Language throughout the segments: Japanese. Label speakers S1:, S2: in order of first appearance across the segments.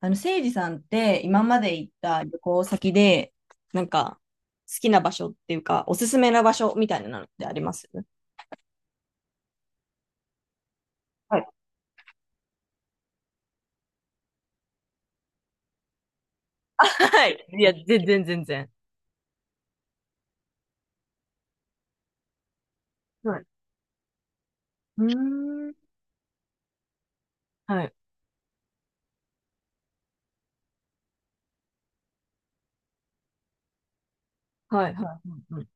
S1: せいじさんって今まで行った旅行先で、なんか、好きな場所っていうか、おすすめな場所みたいなのってありますはい。はい。いや、全然、全然。はい。うーん。はい。はい、はい。うんうん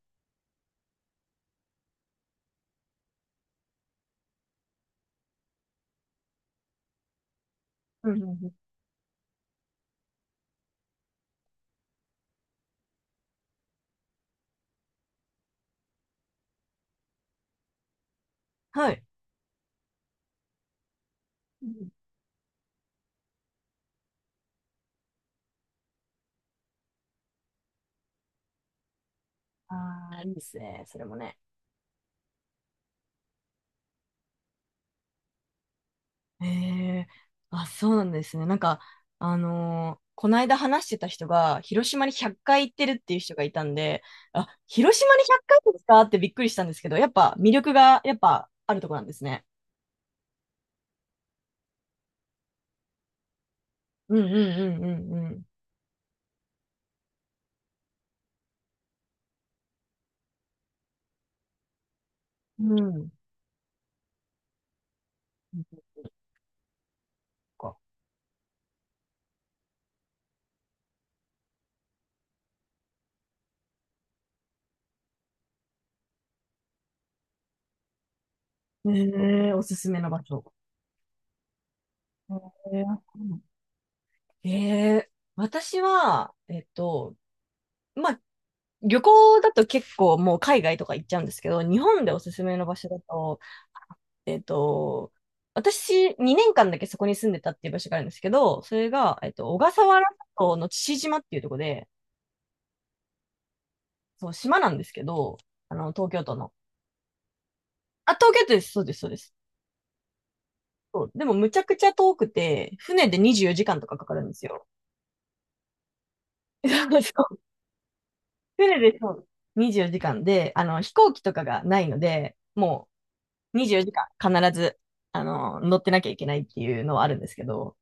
S1: うんうんうん。はい。うん。ああ、いいですね。それもね。ええ。あ、そうなんですね。なんか、この間話してた人が、広島に100回行ってるっていう人がいたんで、あ、広島に100回ですかってびっくりしたんですけど、やっぱ魅力が、やっぱあるとこなんですね。うんうんうんうんうん。うん。そっか。ええ、おすすめの場所。ええ、えー、私は、まあ、旅行だと結構もう海外とか行っちゃうんですけど、日本でおすすめの場所だと、えっと、私、2年間だけそこに住んでたっていう場所があるんですけど、それが、小笠原諸島の父島っていうところで、そう、島なんですけど、あの、東京都の。あ、東京都です。そうです、そうです。そう。でも、むちゃくちゃ遠くて、船で24時間とかかかるんですよ。そうそう。船でそう24時間で、あの、飛行機とかがないので、もう24時間必ず、あの、乗ってなきゃいけないっていうのはあるんですけど、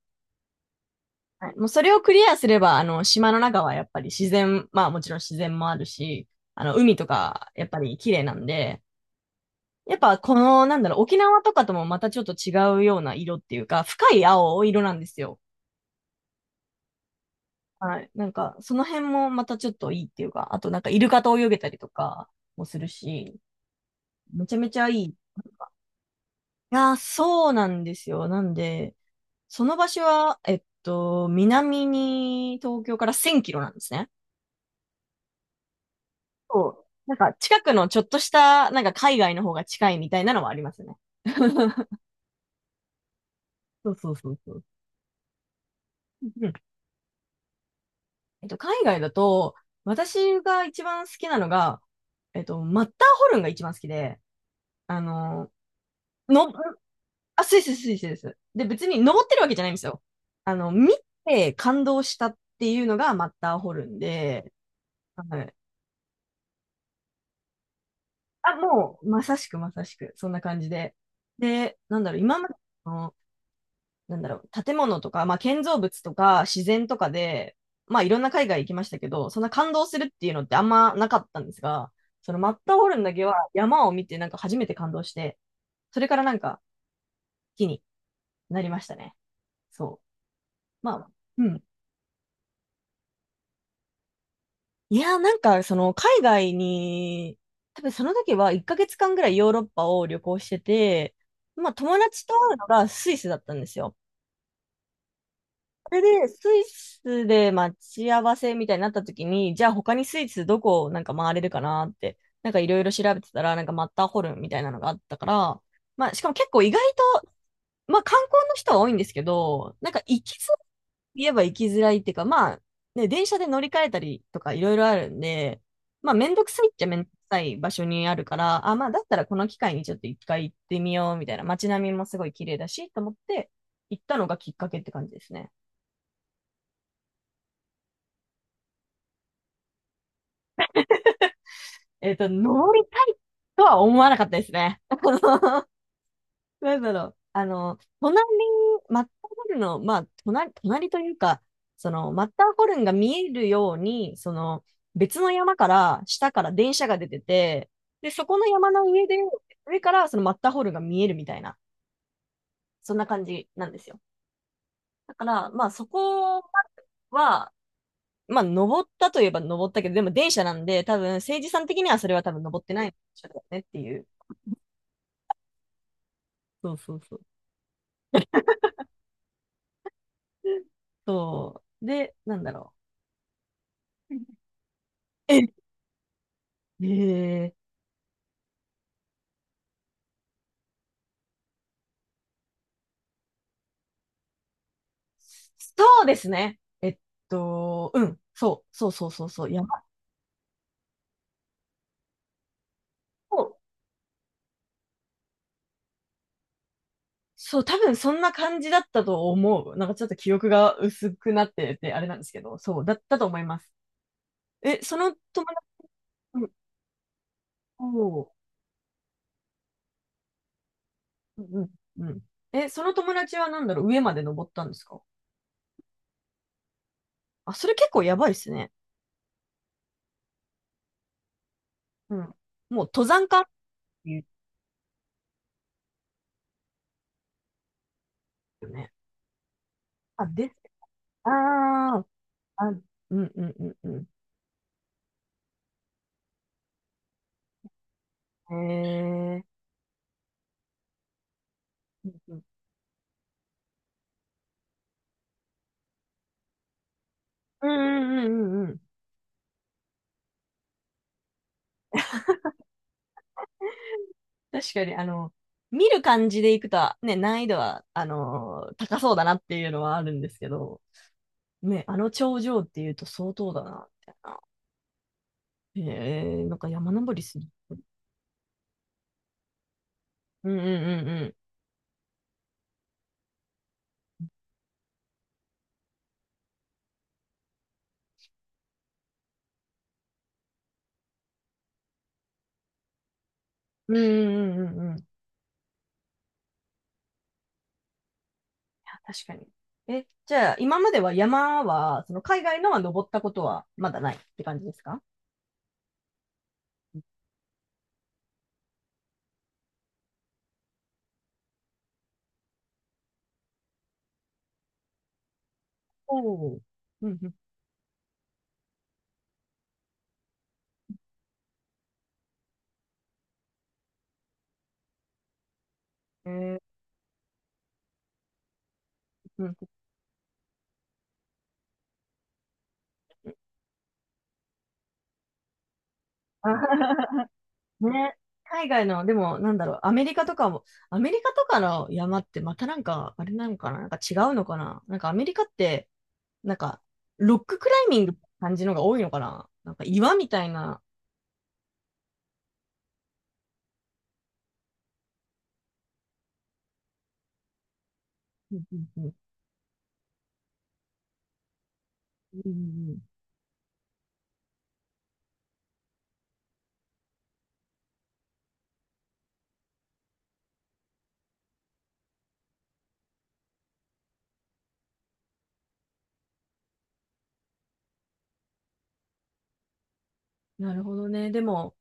S1: はい、もうそれをクリアすれば、あの、島の中はやっぱり自然、まあもちろん自然もあるし、あの、海とかやっぱり綺麗なんで、やっぱこの、なんだろう、沖縄とかともまたちょっと違うような色っていうか、深い青色なんですよ。はい。なんか、その辺もまたちょっといいっていうか、あとなんかイルカと泳げたりとかもするし、めちゃめちゃいい。いやー、そうなんですよ。なんで、その場所は、南に東京から1000キロなんですね。そう。なんか近くのちょっとした、なんか海外の方が近いみたいなのはありますね。そうそうそうそう。うん。海外だと、私が一番好きなのが、マッターホルンが一番好きで、あの、の、あ、スイスです。で、別に登ってるわけじゃないんですよ。あの、見て感動したっていうのがマッターホルンで、はい。あ、もう、まさしく、そんな感じで。で、なんだろう、今までの、なんだろう、建物とか、まあ、建造物とか自然とかで、まあ、いろんな海外行きましたけど、そんな感動するっていうのってあんまなかったんですが、そのマッターホルンだけは山を見てなんか初めて感動して、それからなんか好きになりましたね。そう。まあ、うん。いやー、なんかその海外に、多分その時は1ヶ月間ぐらいヨーロッパを旅行してて、まあ友達と会うのがスイスだったんですよ。それで、スイスで待ち合わせみたいになった時に、じゃあ他にスイスどこをなんか回れるかなって、なんかいろいろ調べてたら、なんかマッターホルンみたいなのがあったから、まあしかも結構意外と、まあ観光の人は多いんですけど、なんか行きづらい、言えば行きづらいっていうか、まあね、電車で乗り換えたりとかいろいろあるんで、まあめんどくさいっちゃめんどくさい場所にあるから、あ、まあだったらこの機会にちょっと一回行ってみようみたいな、街並みもすごい綺麗だしと思って行ったのがきっかけって感じですね。登りたいとは思わなかったですね。あの、なんだろう。あの、マッターホルンの、まあ、隣というか、その、マッターホルンが見えるように、その、別の山から、下から電車が出てて、で、そこの山の上で、上からそのマッターホルンが見えるみたいな、そんな感じなんですよ。だから、まあ、そこは、まあ、登ったといえば登ったけど、でも電車なんで、多分、政治さん的にはそれは多分登ってないんでしょうねっていう。そうそうそう。そう。で、なんだろう。え、えー、そうですね。うん。そう、そうそうそうそう。山と、そう、多分そんな感じだったと思う。なんかちょっと記憶が薄くなってて、あれなんですけど、そう、だったと思います。え、その友達、うん、おー、うんうん、え、その友達はなんだろう、上まで登ったんですか？あ、それ結構やばいですね。うん。もう登山家って言うよね。あ、です。あー、あ、うんうんうんうん。へえ。うんうんうんうんうんうん。確かに、あの、見る感じでいくと、ね、難易度は、高そうだなっていうのはあるんですけど、ね、あの頂上っていうと相当だな、みたいな。へえ、なんか山登りする。うんうんうんうん。うんうんうんうんうんうんうんうん、いや、確かに。え、じゃあ、今までは山は、その海外のは登ったことはまだないって感じですか？おおー。うんうん。えー、うんうん。あ、ね、海外の、でも、なんだろう、アメリカとかも、アメリカとかの山ってまたなんか、あれなのかな、なんか違うのかな、なんかアメリカって、なんか、ロッククライミングって感じのが多いのかな、なんか岩みたいな。うんうんうんうんうんうん。なるほどね。でも、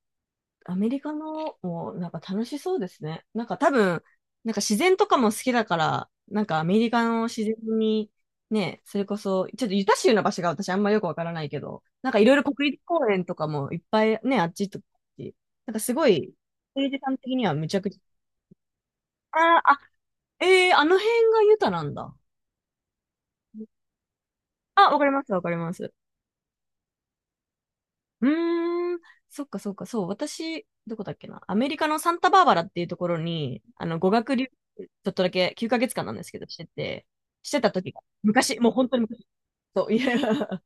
S1: アメリカのもなんか楽しそうですね。なんか多分、なんか自然とかも好きだから、なんかアメリカの自然に、ね、それこそ、ちょっとユタ州の場所が私あんまよくわからないけど、なんかいろいろ国立公園とかもいっぱいね、あっちとかあって、なんかすごい、政治さん的にはむちゃくちゃ、あー、あ、えー、あの辺がユタなんだ。あ、わかります、わかります。うーん。そっかそっか、そう。私、どこだっけな。アメリカのサンタバーバラっていうところに、あの、語学留学、ちょっとだけ9ヶ月間なんですけど、してて、してた時が、昔、もう本当に昔、そう、いや、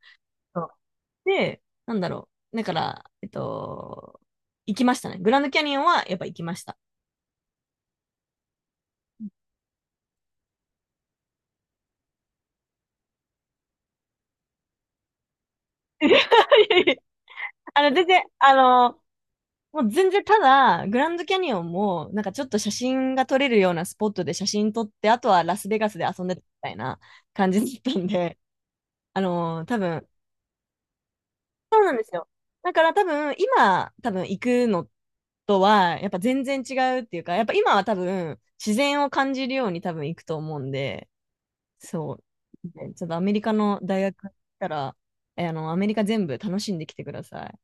S1: そう。で、なんだろう。だから、行きましたね。グランドキャニオンはやっぱ行きました。いやいや、あの、全然、あの、もう全然ただ、グランドキャニオンも、なんかちょっと写真が撮れるようなスポットで写真撮って、あとはラスベガスで遊んでたみたいな感じだったんで、多分、そうなんですよ。だから多分、今、多分行くのとは、やっぱ全然違うっていうか、やっぱ今は多分、自然を感じるように多分行くと思うんで、そう。ね、ちょっとアメリカの大学行ったら、え、あの、アメリカ全部楽しんできてください。